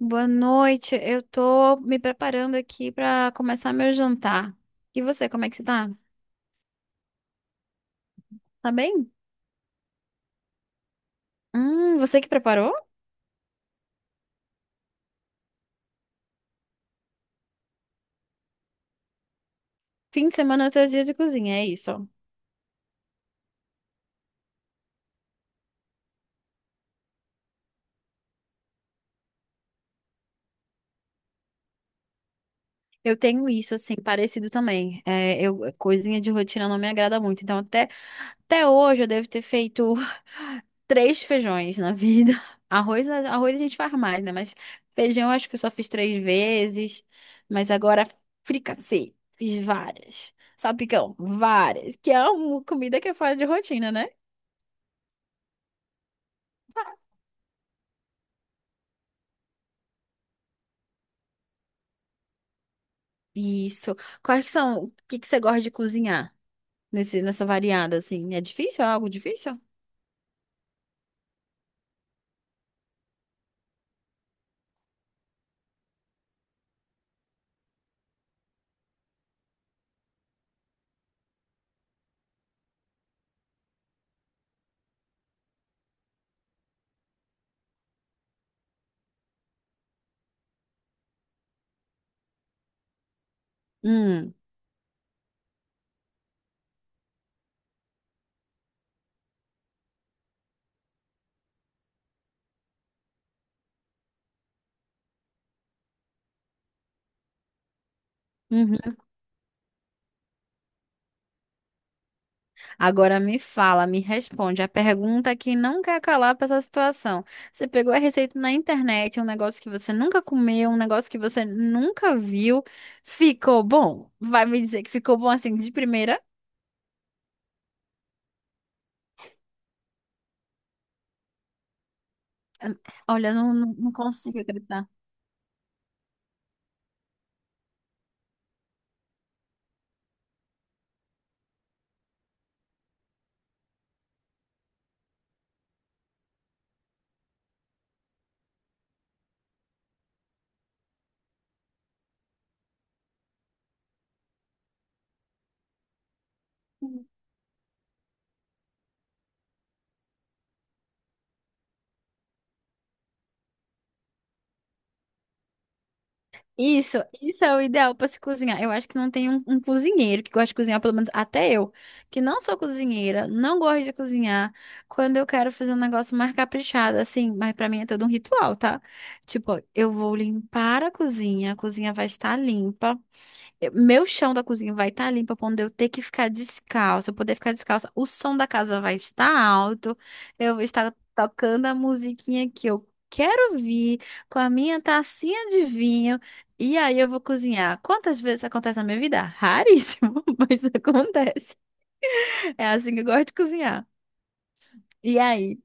Boa noite. Eu tô me preparando aqui pra começar meu jantar. E você, como é que você tá? Tá bem? Você que preparou? Fim de semana é teu dia de cozinha, é isso. Eu tenho isso, assim, parecido também. É, coisinha de rotina não me agrada muito. Então, até hoje eu devo ter feito três feijões na vida. Arroz, arroz a gente faz mais, né? Mas feijão acho que eu só fiz três vezes. Mas agora fricassê, fiz várias. Salpicão, várias. Que é uma comida que é fora de rotina, né? Isso. Quais que são? O que que você gosta de cozinhar nessa variada, assim? É difícil? É algo difícil? Hum. Uhum. Agora me responde a pergunta que não quer calar para essa situação. Você pegou a receita na internet, um negócio que você nunca comeu, um negócio que você nunca viu, ficou bom? Vai me dizer que ficou bom assim de primeira? Olha, eu não consigo acreditar. Isso é o ideal para se cozinhar. Eu acho que não tem um cozinheiro que gosta de cozinhar, pelo menos até eu, que não sou cozinheira, não gosto de cozinhar. Quando eu quero fazer um negócio mais caprichado, assim, mas para mim é todo um ritual, tá? Tipo, eu vou limpar a cozinha vai estar limpa. Meu chão da cozinha vai estar limpo pra onde eu ter que ficar descalça, eu poder ficar descalça. O som da casa vai estar alto. Eu vou estar tocando a musiquinha que eu quero ouvir, com a minha tacinha de vinho. E aí eu vou cozinhar. Quantas vezes acontece na minha vida? Raríssimo, mas acontece. É assim que eu gosto de cozinhar. E aí?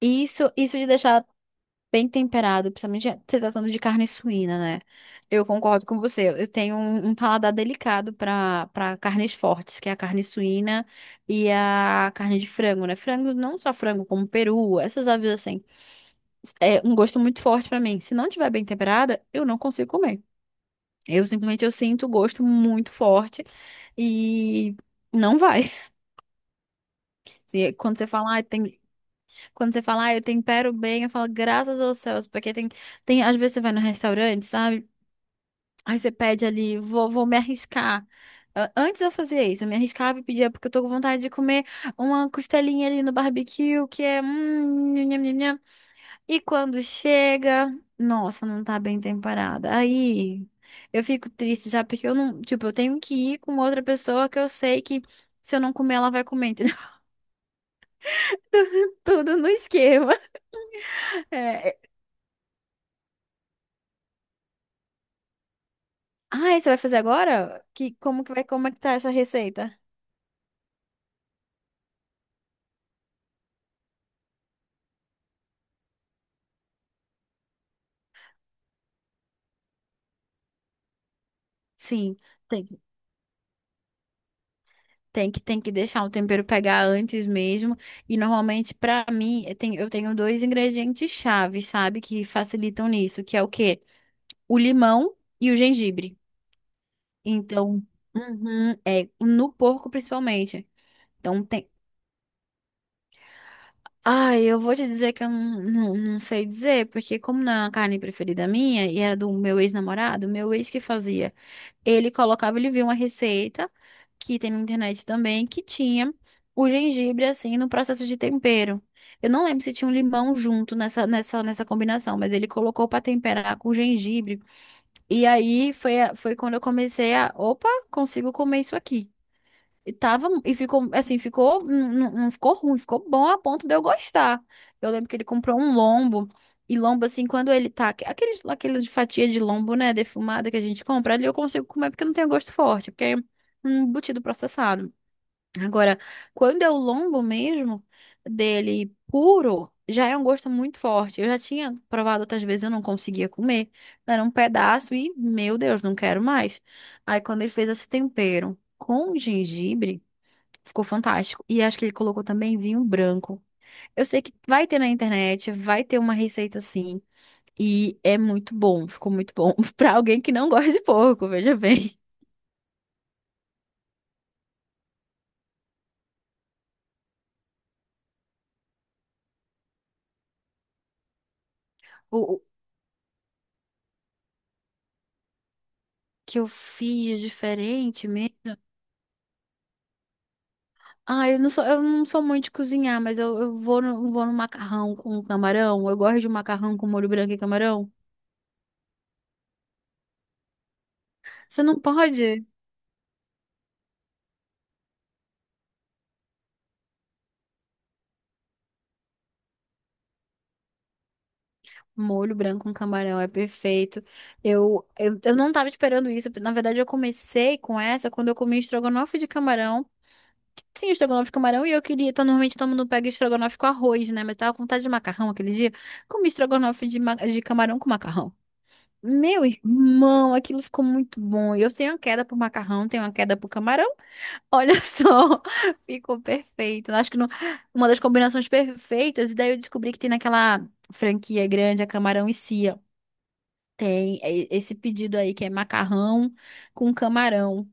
Isso de deixar bem temperado, principalmente se tratando de carne suína, né? Eu concordo com você. Eu tenho um paladar delicado para carnes fortes, que é a carne suína e a carne de frango, né? Frango, não só frango, como peru, essas aves assim. É um gosto muito forte para mim. Se não tiver bem temperada, eu não consigo comer. Eu simplesmente eu sinto o gosto muito forte e não vai. Quando você fala, ah, tem. Quando você fala, ah, eu tempero bem, eu falo, graças aos céus, porque tem, às vezes você vai no restaurante, sabe? Aí você pede ali, vou me arriscar. Antes eu fazia isso, eu me arriscava e pedia, porque eu tô com vontade de comer uma costelinha ali no barbecue, que é, nham, nham, nham, nham. E quando chega, nossa, não tá bem temperada. Aí eu fico triste já, porque eu não. Tipo, eu tenho que ir com outra pessoa que eu sei que se eu não comer, ela vai comer, entendeu? Tudo no esquema. É. Ah, e você vai fazer agora? Como que vai, como é que tá essa receita? Sim. tem. Tem que deixar o tempero pegar antes mesmo. E normalmente, pra mim, eu tenho dois ingredientes chaves, sabe? Que facilitam nisso, que é o quê? O limão e o gengibre. Então, uhum, é, no porco principalmente. Então, ai, eu vou te dizer que eu não sei dizer, porque como não é uma carne preferida minha, e era do meu ex-namorado, meu ex que fazia. Ele viu uma receita, que tem na internet também, que tinha o gengibre, assim, no processo de tempero. Eu não lembro se tinha um limão junto nessa combinação, mas ele colocou para temperar com gengibre. E aí foi quando eu comecei a, opa, consigo comer isso aqui. E ficou, assim, ficou, não ficou ruim, ficou bom a ponto de eu gostar. Eu lembro que ele comprou um lombo, e lombo, assim, quando ele tá, aquela de fatia de lombo, né, defumada que a gente compra, ali eu consigo comer porque não tem gosto forte, porque é um embutido processado. Agora, quando é o lombo mesmo, dele puro, já é um gosto muito forte. Eu já tinha provado outras vezes, eu não conseguia comer. Era um pedaço e, meu Deus, não quero mais. Aí, quando ele fez esse tempero com gengibre, ficou fantástico. E acho que ele colocou também vinho branco. Eu sei que vai ter na internet, vai ter uma receita assim. E é muito bom, ficou muito bom. Pra alguém que não gosta de porco, veja bem. O que eu fiz diferente mesmo. Ah, eu não sou muito de cozinhar, mas eu vou no macarrão com camarão. Eu gosto de macarrão com molho branco e camarão. Você não pode? Molho branco com camarão é perfeito. Eu não tava esperando isso. Na verdade, eu comecei com essa quando eu comi estrogonofe de camarão. Sim, estrogonofe de camarão. E eu queria. Então, normalmente todo mundo pega estrogonofe com arroz, né? Mas tava com vontade de macarrão aquele dia. Comi estrogonofe de camarão com macarrão. Meu irmão, aquilo ficou muito bom. Eu tenho uma queda por macarrão, tenho uma queda por camarão. Olha só, ficou perfeito. Acho que uma das combinações perfeitas. E daí eu descobri que tem naquela franquia grande, a camarão e cia. Tem é, esse pedido aí que é macarrão com camarão.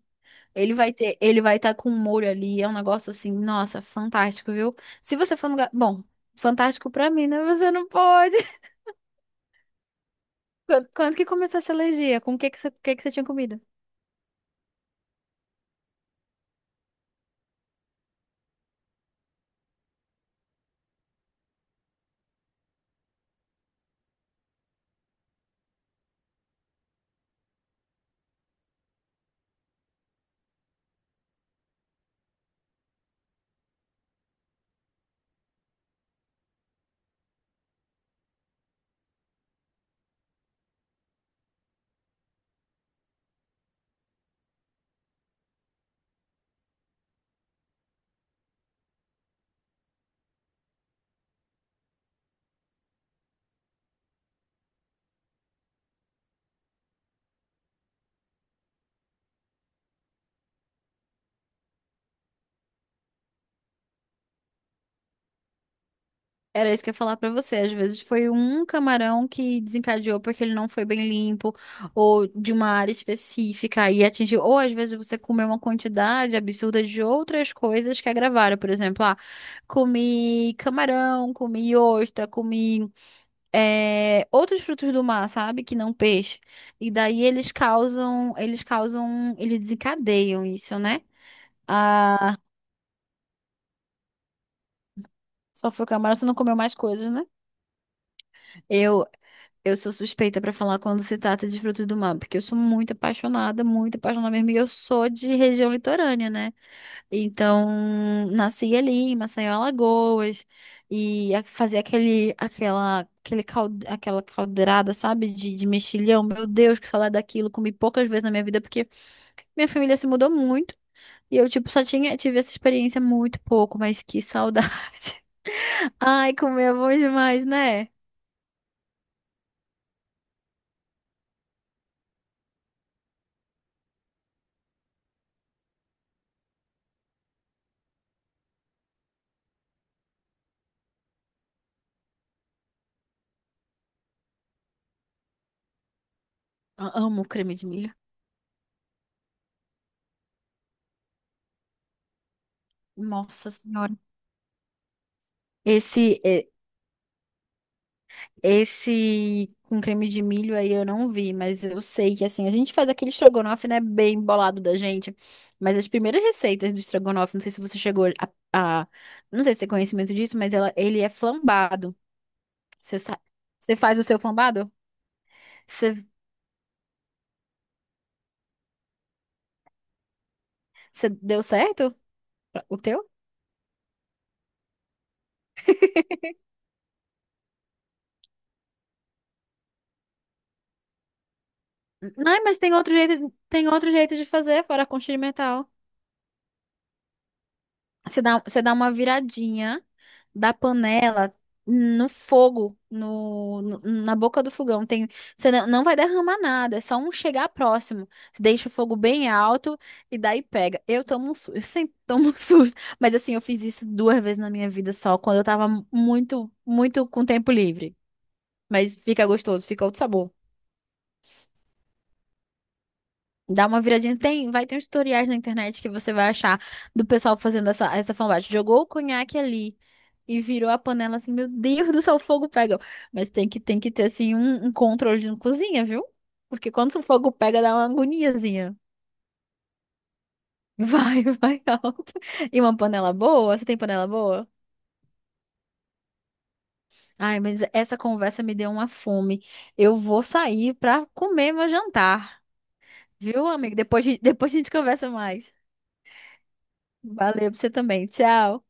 Ele vai estar com um molho ali, é um negócio assim, nossa, fantástico, viu? Se você for no lugar, bom, fantástico pra mim, né? Você não pode. Quando que começou essa alergia? Com o que que você, O que que você tinha comido? Era isso que eu ia falar pra você. Às vezes foi um camarão que desencadeou porque ele não foi bem limpo, ou de uma área específica e atingiu. Ou às vezes você comeu uma quantidade absurda de outras coisas que agravaram. Por exemplo, ah, comi camarão, comi ostra, comi outros frutos do mar, sabe? Que não peixe. E daí eles desencadeiam isso, né? Ah, só foi camarão, você não comeu mais coisas, né? Eu, Eu sou suspeita pra falar quando se trata de frutos do mar, porque eu sou muito apaixonada mesmo, e eu sou de região litorânea, né? Então, nasci ali em Maceió, Alagoas, e fazer aquele, aquela, aquele cal, aquela caldeirada, sabe, de mexilhão, meu Deus, que saudade daquilo, comi poucas vezes na minha vida, porque minha família se mudou muito, e eu, tipo, tive essa experiência muito pouco, mas que saudade. Ai, comer é bom demais, né? Amo creme de milho. Nossa senhora. Esse, é- esse com creme de milho aí eu não vi, mas eu sei que assim, a gente faz aquele estrogonofe, né, bem bolado da gente, mas as primeiras receitas do estrogonofe, a- não sei se você tem conhecimento disso, mas ele é flambado. Você sabe, você faz o seu flambado? Você, você deu certo o teu? Não, mas tem outro jeito de fazer fora a conchita de metal. Você dá uma viradinha da panela no fogo, na boca do fogão. Você não vai derramar nada, é só um chegar próximo. Deixa o fogo bem alto e daí pega. Eu tomo um susto, eu sempre tomo um susto. Mas assim, eu fiz isso duas vezes na minha vida só, quando eu tava muito, muito com tempo livre. Mas fica gostoso, fica outro sabor. Dá uma viradinha. Vai ter uns tutoriais na internet que você vai achar do pessoal fazendo essa fanbase. Jogou o conhaque ali. E virou a panela assim, meu Deus do céu, o fogo pega. Mas tem que ter assim um controle na cozinha, viu? Porque quando o fogo pega, dá uma agoniazinha. Vai, vai alto. E uma panela boa? Você tem panela boa? Ai, mas essa conversa me deu uma fome. Eu vou sair pra comer meu jantar, viu, amigo? Depois, depois a gente conversa mais. Valeu pra você também. Tchau.